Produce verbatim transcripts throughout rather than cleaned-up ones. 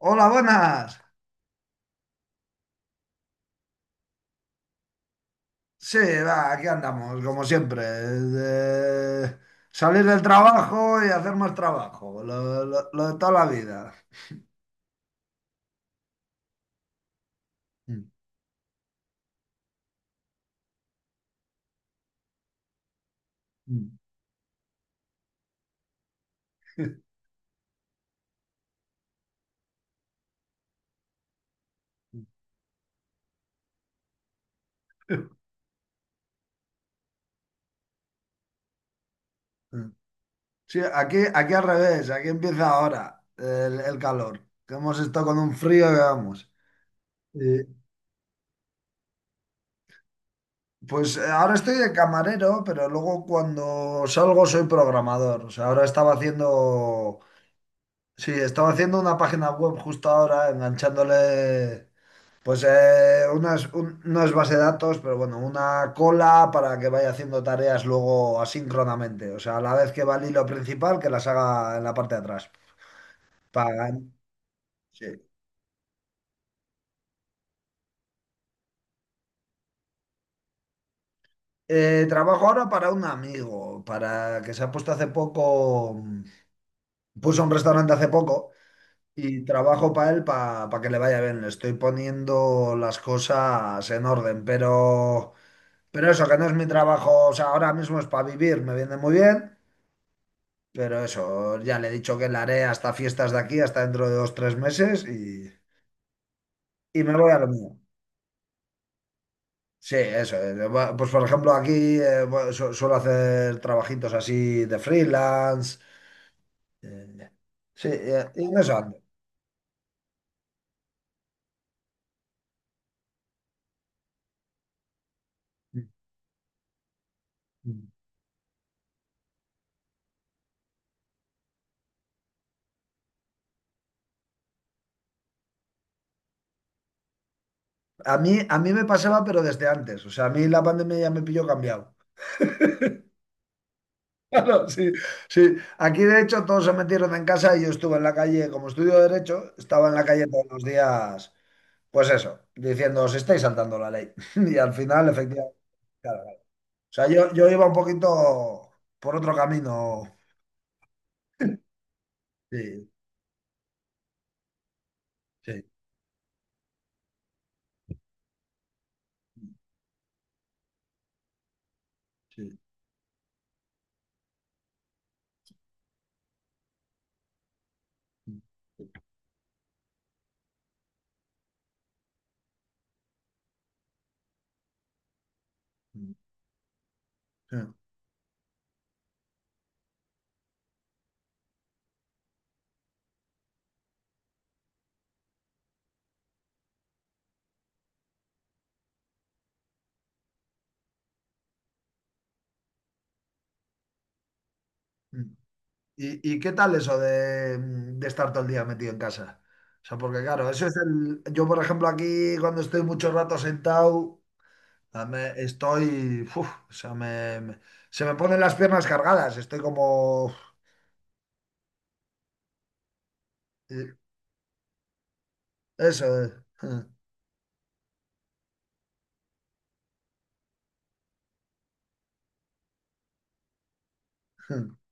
Hola, buenas. Sí, va, aquí andamos, como siempre. De salir del trabajo y hacer más trabajo. Lo, lo- lo de toda la vida. Mm, mm. Sí, aquí, aquí al revés, aquí empieza ahora el, el calor. Que hemos estado con un frío que vamos. Y, pues eh, ahora estoy de camarero, pero luego cuando salgo soy programador. O sea, ahora estaba haciendo. Sí, estaba haciendo una página web justo ahora, enganchándole, pues eh, unas, un- no es base de datos, pero bueno, una cola para que vaya haciendo tareas luego asíncronamente. O sea, a la vez que va el hilo principal, que las haga en la parte de atrás. Pagan. Sí. Eh, trabajo ahora para un amigo, para que se ha puesto hace poco, puso un restaurante hace poco y trabajo para él para que le vaya bien. Le estoy poniendo las cosas en orden, pero... Pero eso, que no es mi trabajo, o sea, ahora mismo es para vivir, me viene muy bien, pero eso, ya le he dicho que la haré hasta fiestas de aquí, hasta dentro de dos, tres meses y, y me voy a lo mío. Sí, eso. eh, va- Pues por ejemplo, aquí eh, bueno, su- suelo hacer trabajitos así de freelance. eh, sí, eh, y en eso ando. A mí, a mí me pasaba, pero desde antes. O sea, a mí la pandemia ya me pilló cambiado. Claro, sí, sí. Aquí de hecho todos se metieron en casa y yo estuve en la calle, como estudio de derecho, estaba en la calle todos los días, pues eso, diciendo, os estáis saltando la ley. Y al final, efectivamente, claro, claro. O sea, yo, yo iba un poquito por otro camino. Sí, sí, sí. Sí, sí. Sí. ¿Y, y qué tal eso de, de estar todo el día metido en casa? O sea, porque claro, eso es el... Yo, por ejemplo, aquí cuando estoy mucho rato sentado... Sea, me- estoy, uf, o sea, me, me- se me ponen las piernas cargadas, estoy como, uf, eh, eso. eh,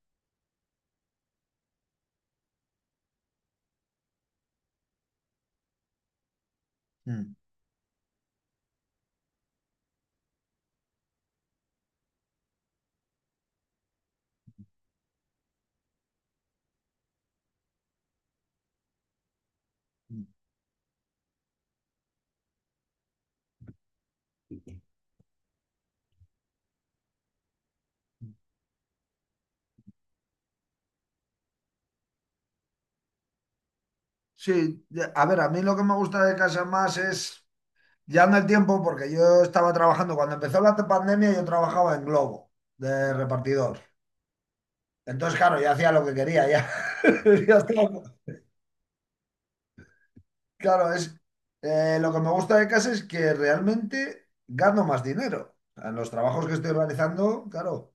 mm, mm. Sí, ya- a ver, a mí lo que me gusta de casa más es, ya no el tiempo, porque yo estaba trabajando, cuando empezó la pandemia yo trabajaba en Globo, de repartidor. Entonces, claro, ya hacía lo que quería, ya. Ya estaba- Claro, es, eh, lo que me gusta de casa es que realmente gano más dinero. En los trabajos que estoy realizando, claro.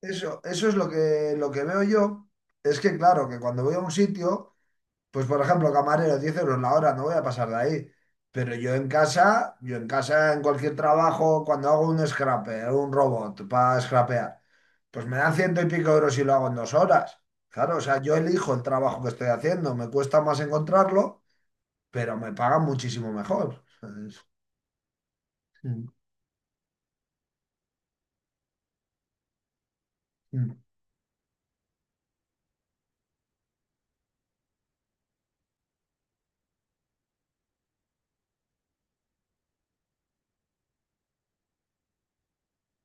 Eso, eso es lo que, lo que veo yo. Es que, claro, que cuando voy a un sitio, pues por ejemplo, camarero, diez euros la hora, no voy a pasar de ahí. Pero yo en casa, yo en casa, en cualquier trabajo, cuando hago un scraper, un robot para scrapear, pues me dan ciento y pico euros y lo hago en dos horas. Claro, o sea, yo elijo el trabajo que estoy haciendo, me cuesta más encontrarlo, pero me pagan muchísimo mejor.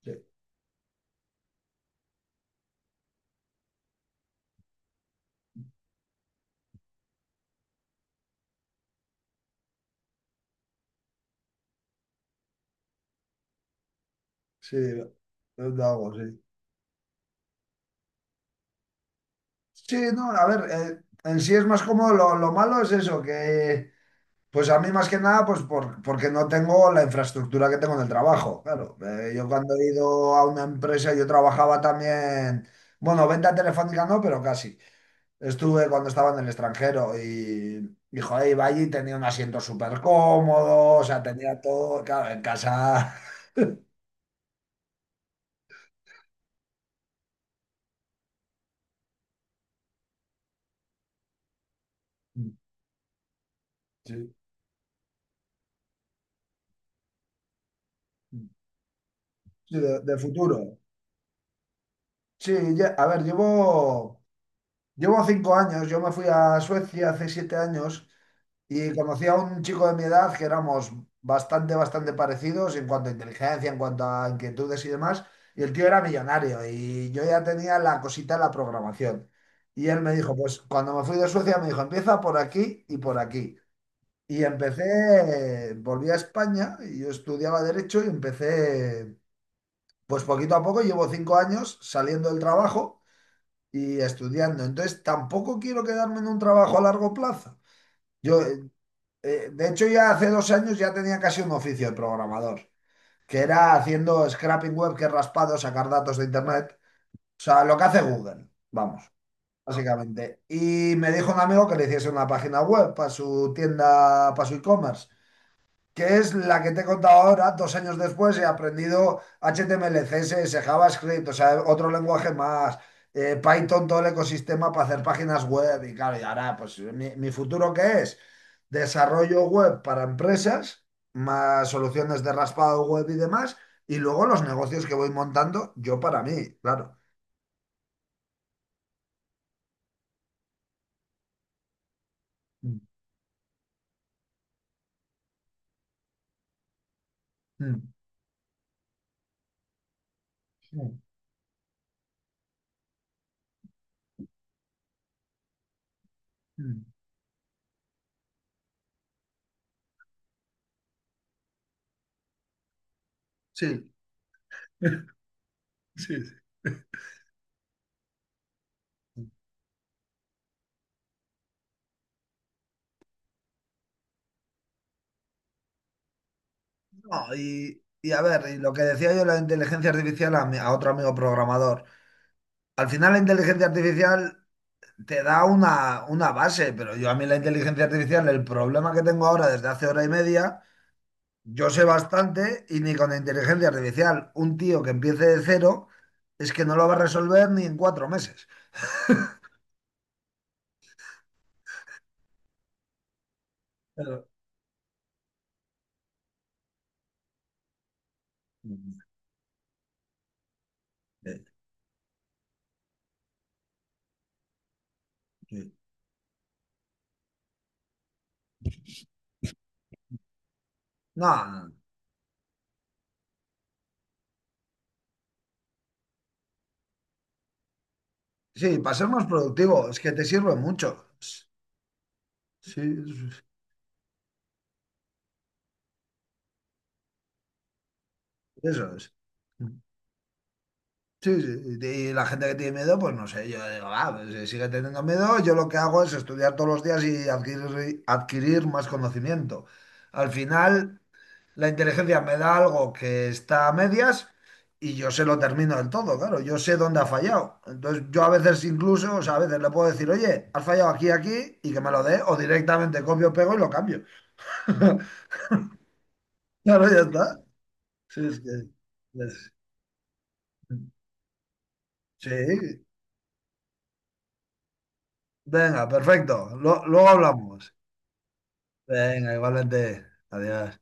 Sí, sí, es algo, sí. Sí, no, a ver, eh, en sí es más cómodo. Lo, lo malo es eso, que pues a mí más que nada, pues por- porque no tengo la infraestructura que tengo en el trabajo. Claro. Eh, yo cuando he ido a una empresa, yo trabajaba también, bueno, venta telefónica no, pero casi. Estuve cuando estaba en el extranjero y, y joder, iba allí, tenía un asiento súper cómodo, o sea, tenía todo, claro, en casa, sí, sí, de de futuro. Sí, lle- a ver, llevo, llevo cinco años, yo me fui a Suecia hace siete años y conocí a un chico de mi edad que éramos bastante, bastante parecidos en cuanto a inteligencia, en cuanto a inquietudes y demás. Y el tío era millonario y yo ya tenía la cosita de la programación. Y él me dijo, pues cuando me fui de Suecia me dijo, empieza por aquí y por aquí. Y empecé, volví a España y yo estudiaba derecho y empecé, pues poquito a poco, llevo cinco años saliendo del trabajo y estudiando. Entonces, tampoco quiero quedarme en un trabajo a largo plazo. Yo, eh, eh, de hecho, ya hace dos años ya tenía casi un oficio de programador, que era haciendo scraping web, que es raspado, sacar datos de internet. O sea, lo que hace Google, vamos, básicamente. Y me dijo un amigo que le hiciese una página web para su tienda, para su e-commerce que es la que te he contado ahora, dos años después he aprendido H T M L, C S S, JavaScript, o sea, otro lenguaje más, eh, Python, todo el ecosistema para hacer páginas web y claro, y ahora, pues mi, mi futuro qué es desarrollo web para empresas, más soluciones de raspado web y demás, y luego los negocios que voy montando yo para mí, claro. Mm, mm, mm, mm. Sí, sí. Sí. No, y, y a ver, y lo que decía yo, de la inteligencia artificial a, mi- a otro amigo programador. Al final la inteligencia artificial te da una, una base, pero yo a mí la inteligencia artificial, el problema que tengo ahora desde hace hora y media, yo sé bastante y ni con la inteligencia artificial un tío que empiece de cero es que no lo va a resolver ni en cuatro meses. Pero- eh, sí. No, sí, para ser más productivo, es que te sirve mucho. Sí, eso es. Sí, sí, y la gente que tiene miedo, pues no sé, yo digo, ah, pues si sigue teniendo miedo, yo lo que hago es estudiar todos los días y adquirir, adquirir más conocimiento. Al final, la inteligencia me da algo que está a medias y yo se lo termino del todo, claro, yo sé dónde ha fallado. Entonces, yo a veces incluso, o sea, a veces le puedo decir, oye, has fallado aquí, aquí, y que me lo dé, o directamente copio, pego y lo cambio. Claro, ya está. Sí, es que... es- Sí, venga, perfecto. Lo- luego hablamos. Venga, igualmente. Adiós.